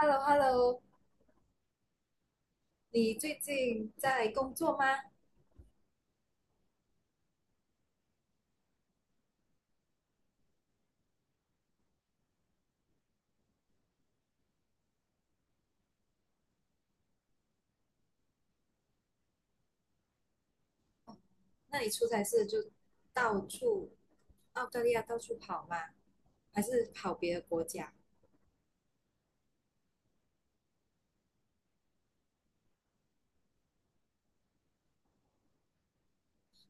Hello，Hello，你最近在工作吗？那你出差是就到处澳大利亚到处跑吗？还是跑别的国家？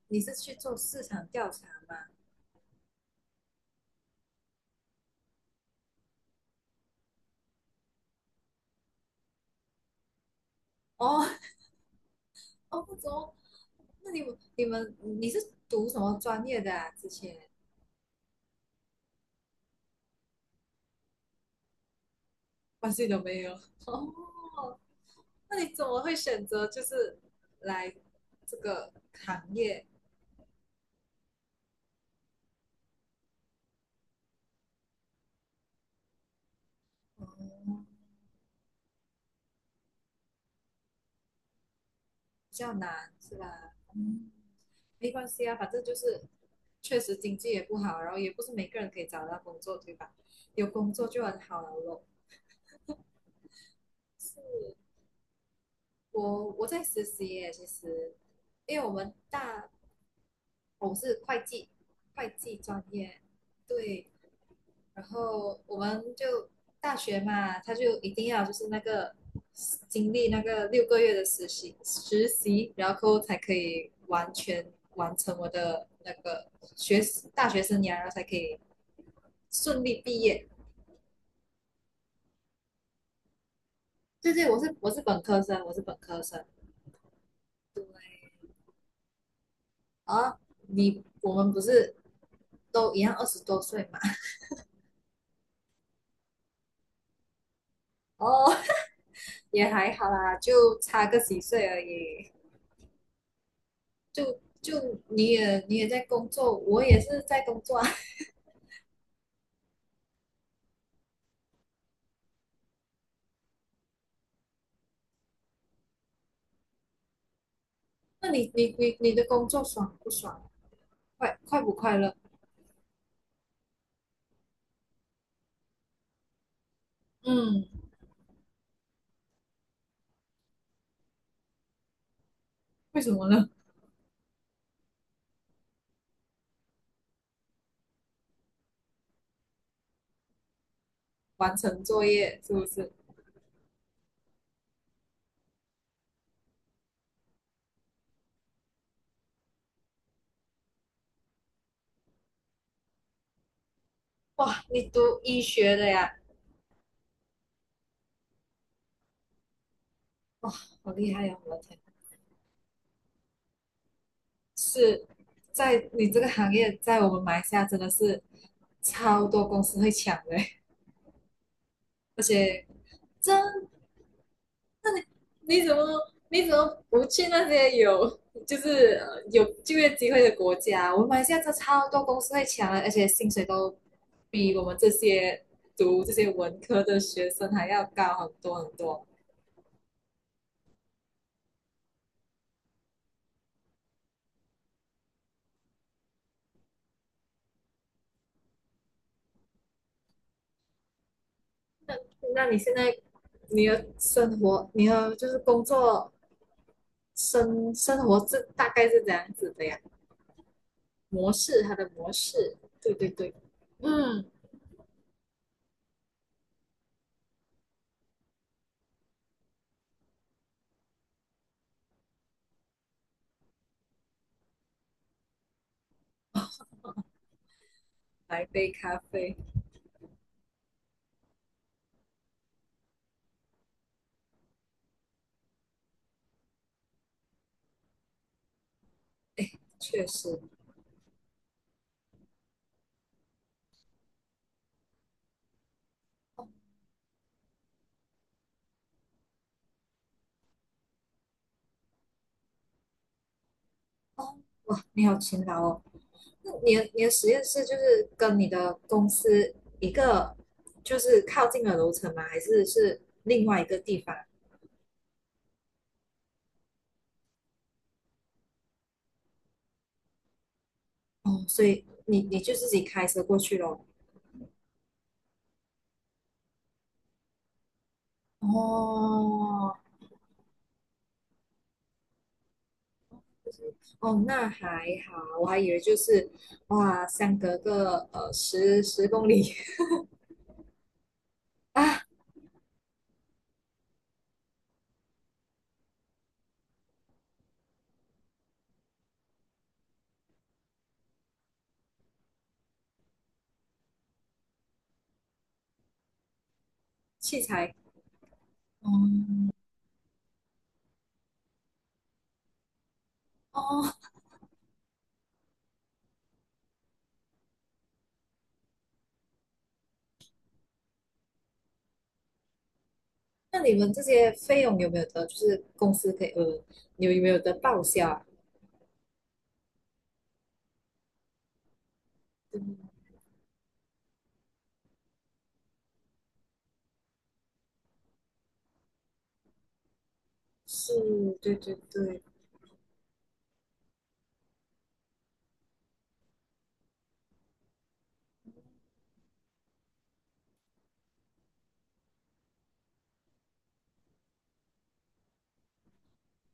你是去做市场调查吗？哦 哦，不么？那你是读什么专业的啊？之前关系都没有。哦，那你怎么会选择就是来这个行业？哦，比较难是吧？嗯，没关系啊，反正就是确实经济也不好，然后也不是每个人可以找到工作，对吧？有工作就很好了咯。是我在实习耶，其实，因为我们大我是会计，会计专业，对，然后我们就大学嘛，他就一定要就是那个经历那个6个月的实习，然后才可以完全完成我的那个学大学生涯，然后才可以顺利毕业。对对，我是本科生，我是本科生。啊，我们不是都一样20多岁嘛？哦，也还好啦，就差个几岁而已。就你也在工作，我也是在工作啊。那你的工作爽不爽？快不快乐？嗯，为什么呢？完成作业是不是？哇，你读医学的呀？哇，好厉害呀！我的天，是在你这个行业，在我们马来西亚真的是超多公司会抢的，而且真你怎么你怎么不去那些有有就业机会的国家？我们马来西亚这超多公司会抢的，而且薪水都比我们这些读这些文科的学生还要高很多很多。那那你现在你的生活，你的就是工作生活是大概是这样子的呀？模式，它的模式，对对对，嗯，来杯咖啡，哎，确实，哦哦，哇，你好勤劳哦。那你的实验室就是跟你的公司一个就是靠近的楼层吗？还是另外一个地方？哦，所以你就自己开车过去咯。哦，就是哦，那还好，我还以为就是哇，相隔个十公里 啊，器材。哦哦，那你们这些费用有没有得就是公司可以你有没有得报销啊？嗯，是，对对对。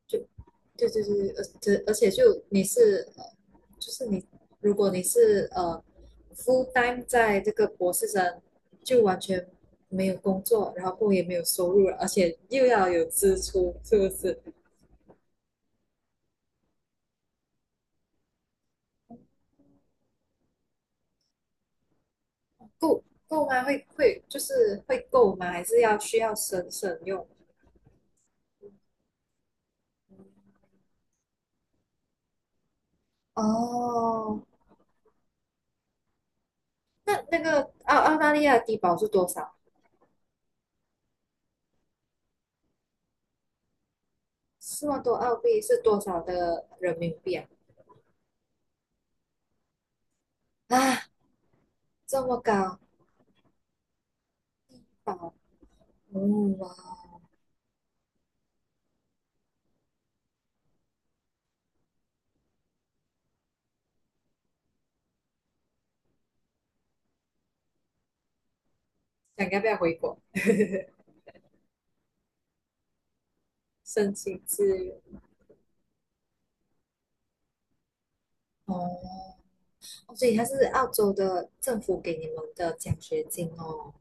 就对对对，而且就你是就是你，如果你是full time 在这个博士生，就完全没有工作，然后也没有收入，而且又要有支出，是不是？够够吗？会就是会够吗？还是需要省省用？哦，那个澳大利亚的低保是多少？4万多澳币是多少的人民币啊？啊，这么高，保，嗯哇。想要不要回国 申请志愿？哦，哦所以它是澳洲的政府给你们的奖学金哦。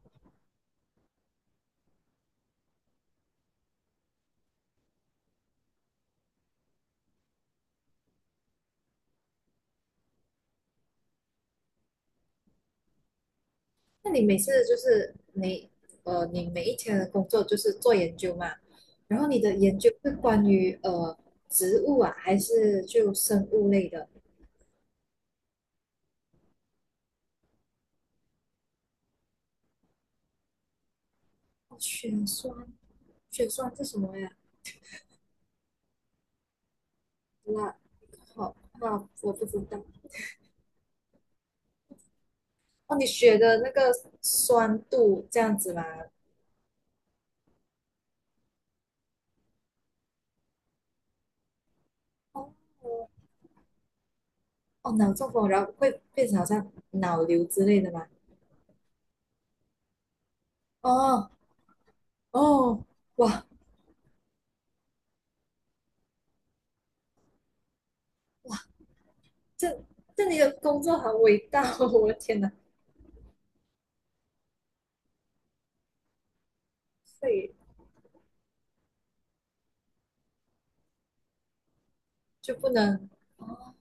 那你每一天的工作就是做研究嘛，然后你的研究是关于植物啊，还是就生物类的？哦血栓，血栓是什么呀？那好，那我不知道。哦，你血的那个酸度这样子吗？哦，哦，脑中风，然后会变成好像脑瘤之类的吧。哦哦，哇，这这你的工作好伟大哦！我的天哪，所以就不能哦，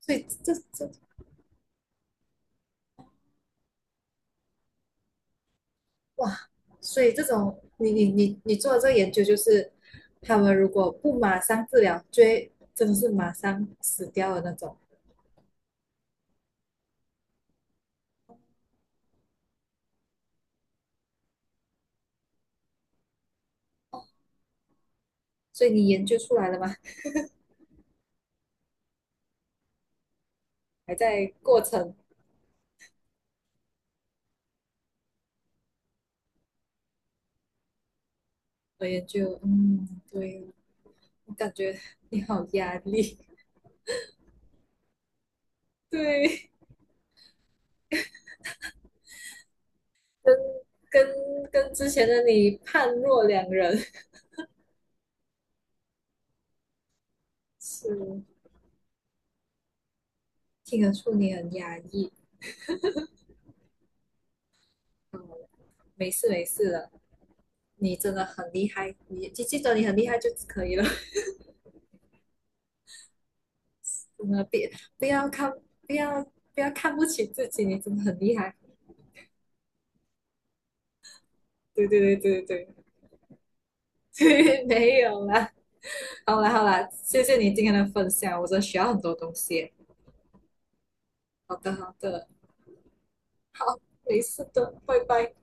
所以这哇，所以这种你做的这个研究就是，他们如果不马上治疗，就会真的是马上死掉的那种。所以你研究出来了吗？还在过程，我研究，嗯，对，我感觉你好压力，对。跟跟之前的你判若两人，是听得出你很压抑。嗯，没事没事的，你真的很厉害，你记得你很厉害就可以了。真的别不要看不要不要看不起自己，你真的很厉害。对对对对对 对，没有啦。好啦好啦，谢谢你今天的分享，我真的学到很多东西。好的好的，好，没事的，拜拜。